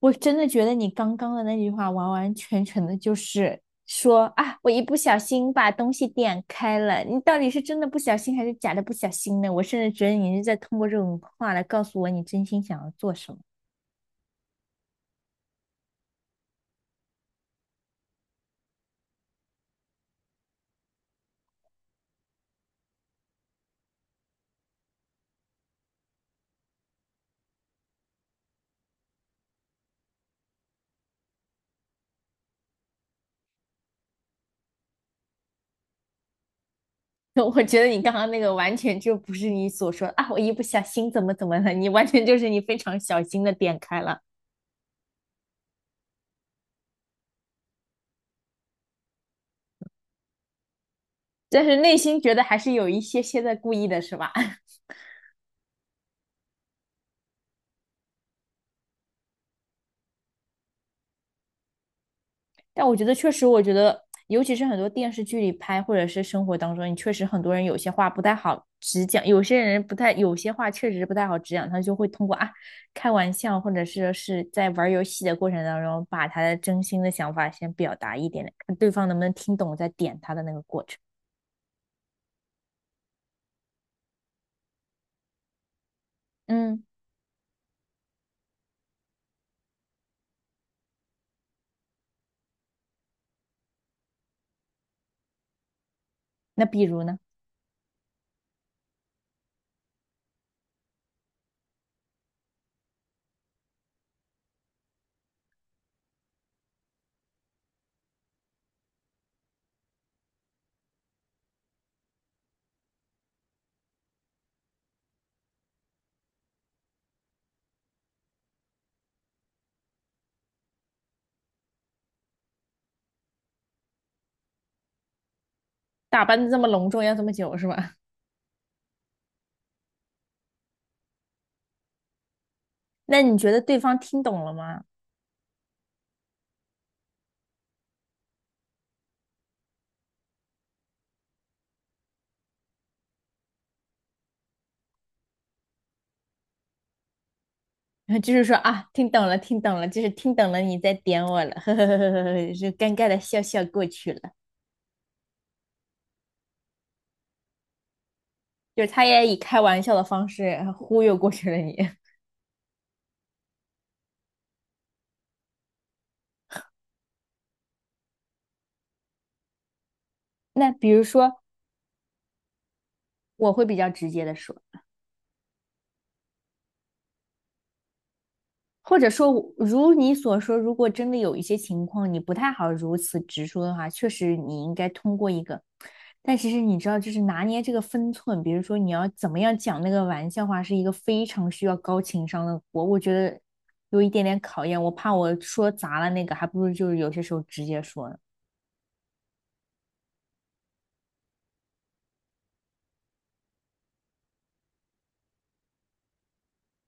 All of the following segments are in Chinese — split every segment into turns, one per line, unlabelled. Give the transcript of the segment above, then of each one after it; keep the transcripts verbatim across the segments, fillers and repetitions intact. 我真的觉得你刚刚的那句话完完全全的就是说啊，我一不小心把东西点开了。你到底是真的不小心还是假的不小心呢？我甚至觉得你是在通过这种话来告诉我你真心想要做什么。我觉得你刚刚那个完全就不是你所说啊，我一不小心怎么怎么的，你完全就是你非常小心的点开了，但是内心觉得还是有一些些在故意的，是吧？但我觉得确实，我觉得尤其是很多电视剧里拍，或者是生活当中，你确实很多人有些话不太好直讲，有些人不太，有些话确实不太好直讲，他就会通过啊开玩笑，或者是是在玩游戏的过程当中，把他的真心的想法先表达一点点，看对方能不能听懂，再点他的那个过程。嗯，那比如呢？打扮的这么隆重，要这么久是吧？那你觉得对方听懂了吗？然后就是说啊，听懂了，听懂了，就是听懂了，你在点我了，呵呵呵呵呵呵，就尴尬的笑笑过去了。就是他也以开玩笑的方式忽悠过去了你。那比如说，我会比较直接的说。或者说，如你所说，如果真的有一些情况你不太好如此直说的话，确实你应该通过一个，但其实你知道，就是拿捏这个分寸，比如说你要怎么样讲那个玩笑话，是一个非常需要高情商的活，我觉得有一点点考验，我怕我说砸了那个，还不如就是有些时候直接说呢，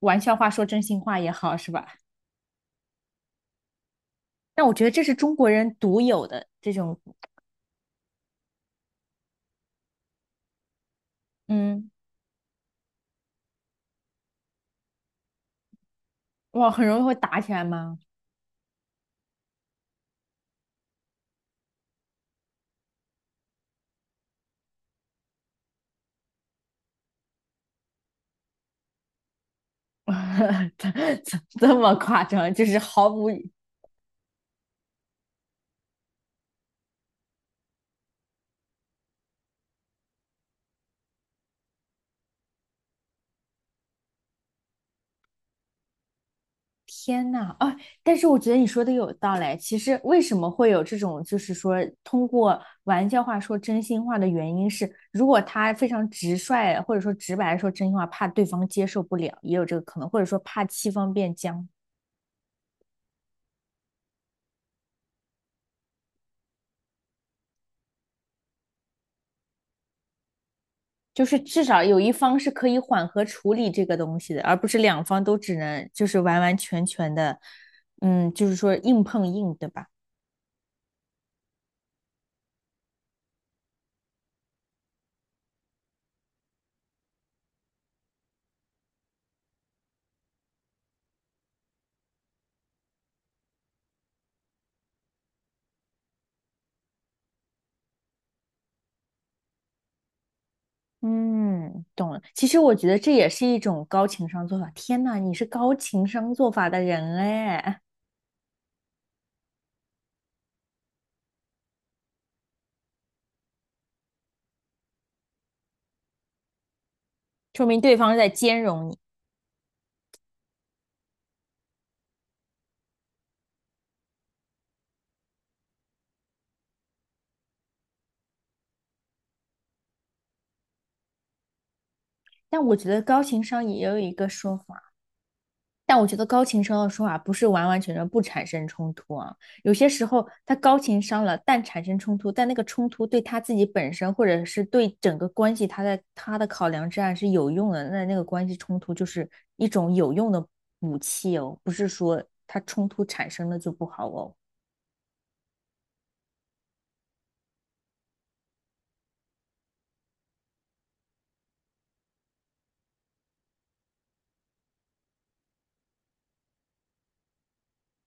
玩笑话说真心话也好，是吧？但我觉得这是中国人独有的这种，嗯，哇，很容易会打起来吗？这这这么夸张，就是毫无天呐啊！但是我觉得你说的有道理。其实为什么会有这种，就是说通过玩笑话说真心话的原因是，如果他非常直率或者说直白地说真心话，怕对方接受不了，也有这个可能，或者说怕气氛变僵，就是至少有一方是可以缓和处理这个东西的，而不是两方都只能就是完完全全的，嗯，就是说硬碰硬，对吧？嗯，懂了。其实我觉得这也是一种高情商做法。天呐，你是高情商做法的人哎，说明对方是在兼容你。但我觉得高情商也有一个说法，但我觉得高情商的说法不是完完全全不产生冲突啊。有些时候他高情商了，但产生冲突，但那个冲突对他自己本身或者是对整个关系，他在他的考量之下是有用的。那那个关系冲突就是一种有用的武器哦，不是说他冲突产生了就不好哦。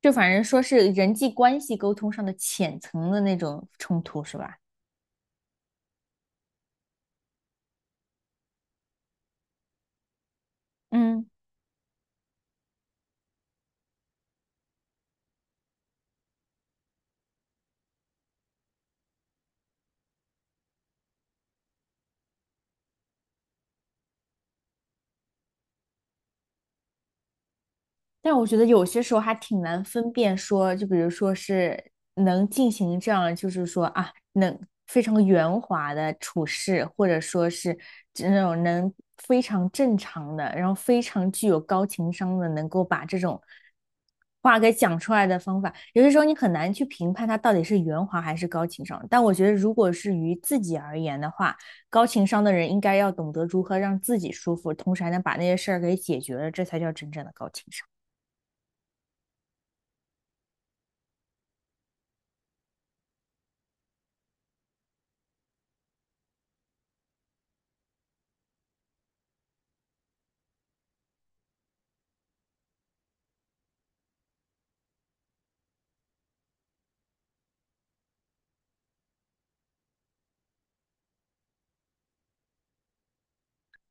就反正说是人际关系沟通上的浅层的那种冲突，是吧？嗯，但我觉得有些时候还挺难分辨说，就比如说是能进行这样，就是说啊，能非常圆滑的处事，或者说是那种能非常正常的，然后非常具有高情商的，能够把这种话给讲出来的方法，有些时候你很难去评判他到底是圆滑还是高情商。但我觉得，如果是于自己而言的话，高情商的人应该要懂得如何让自己舒服，同时还能把那些事儿给解决了，这才叫真正的高情商。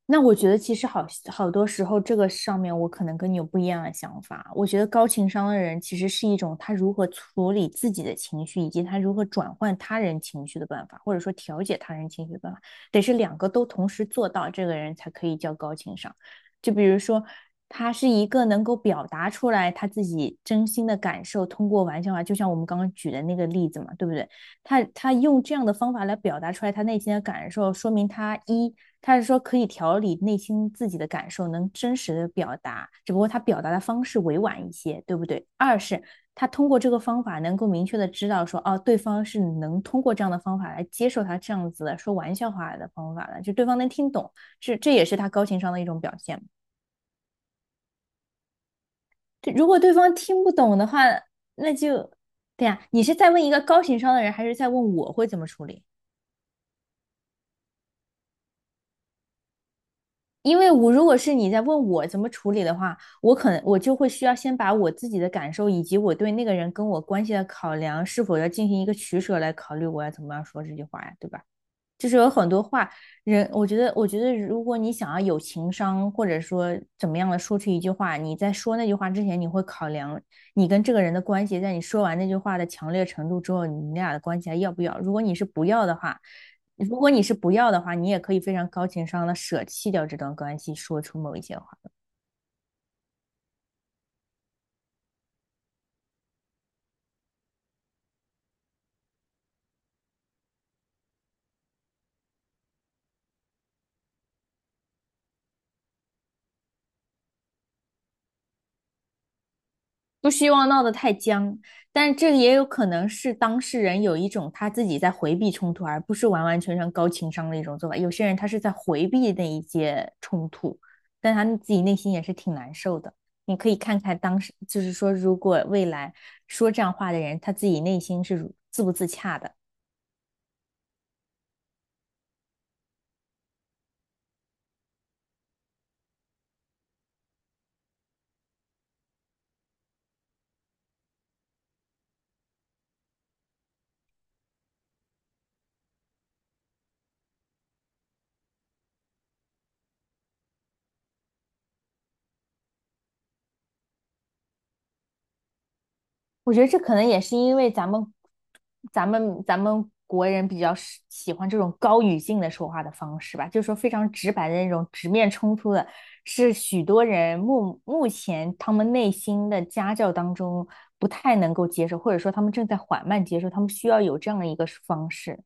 那我觉得其实好好多时候，这个上面我可能跟你有不一样的想法。我觉得高情商的人其实是一种他如何处理自己的情绪，以及他如何转换他人情绪的办法，或者说调节他人情绪的办法，得是两个都同时做到，这个人才可以叫高情商。就比如说，他是一个能够表达出来他自己真心的感受，通过玩笑话，就像我们刚刚举的那个例子嘛，对不对？他他用这样的方法来表达出来他内心的感受，说明他一他是说可以调理内心自己的感受，能真实的表达，只不过他表达的方式委婉一些，对不对？二是他通过这个方法能够明确的知道说，哦，对方是能通过这样的方法来接受他这样子的说玩笑话的方法的，就对方能听懂，这这也是他高情商的一种表现。如果对方听不懂的话，那就，对呀，啊你是在问一个高情商的人，还是在问我会怎么处理？因为我如果是你在问我怎么处理的话，我可能我就会需要先把我自己的感受以及我对那个人跟我关系的考量是否要进行一个取舍来考虑我要怎么样说这句话呀，对吧？就是有很多话，人，我觉得，我觉得，如果你想要有情商，或者说怎么样的说出一句话，你在说那句话之前，你会考量你跟这个人的关系，在你说完那句话的强烈程度之后，你俩的关系还要不要？如果你是不要的话，如果你是不要的话，你也可以非常高情商的舍弃掉这段关系，说出某一些话。不希望闹得太僵，但这也有可能是当事人有一种他自己在回避冲突，而不是完完全全高情商的一种做法。有些人他是在回避那一些冲突，但他自己内心也是挺难受的。你可以看看当时，就是说，如果未来说这样话的人，他自己内心是自不自洽的。我觉得这可能也是因为咱们，咱们咱们国人比较喜喜欢这种高语境的说话的方式吧，就是说非常直白的那种直面冲突的，是许多人目目前他们内心的家教当中不太能够接受，或者说他们正在缓慢接受，他们需要有这样的一个方式。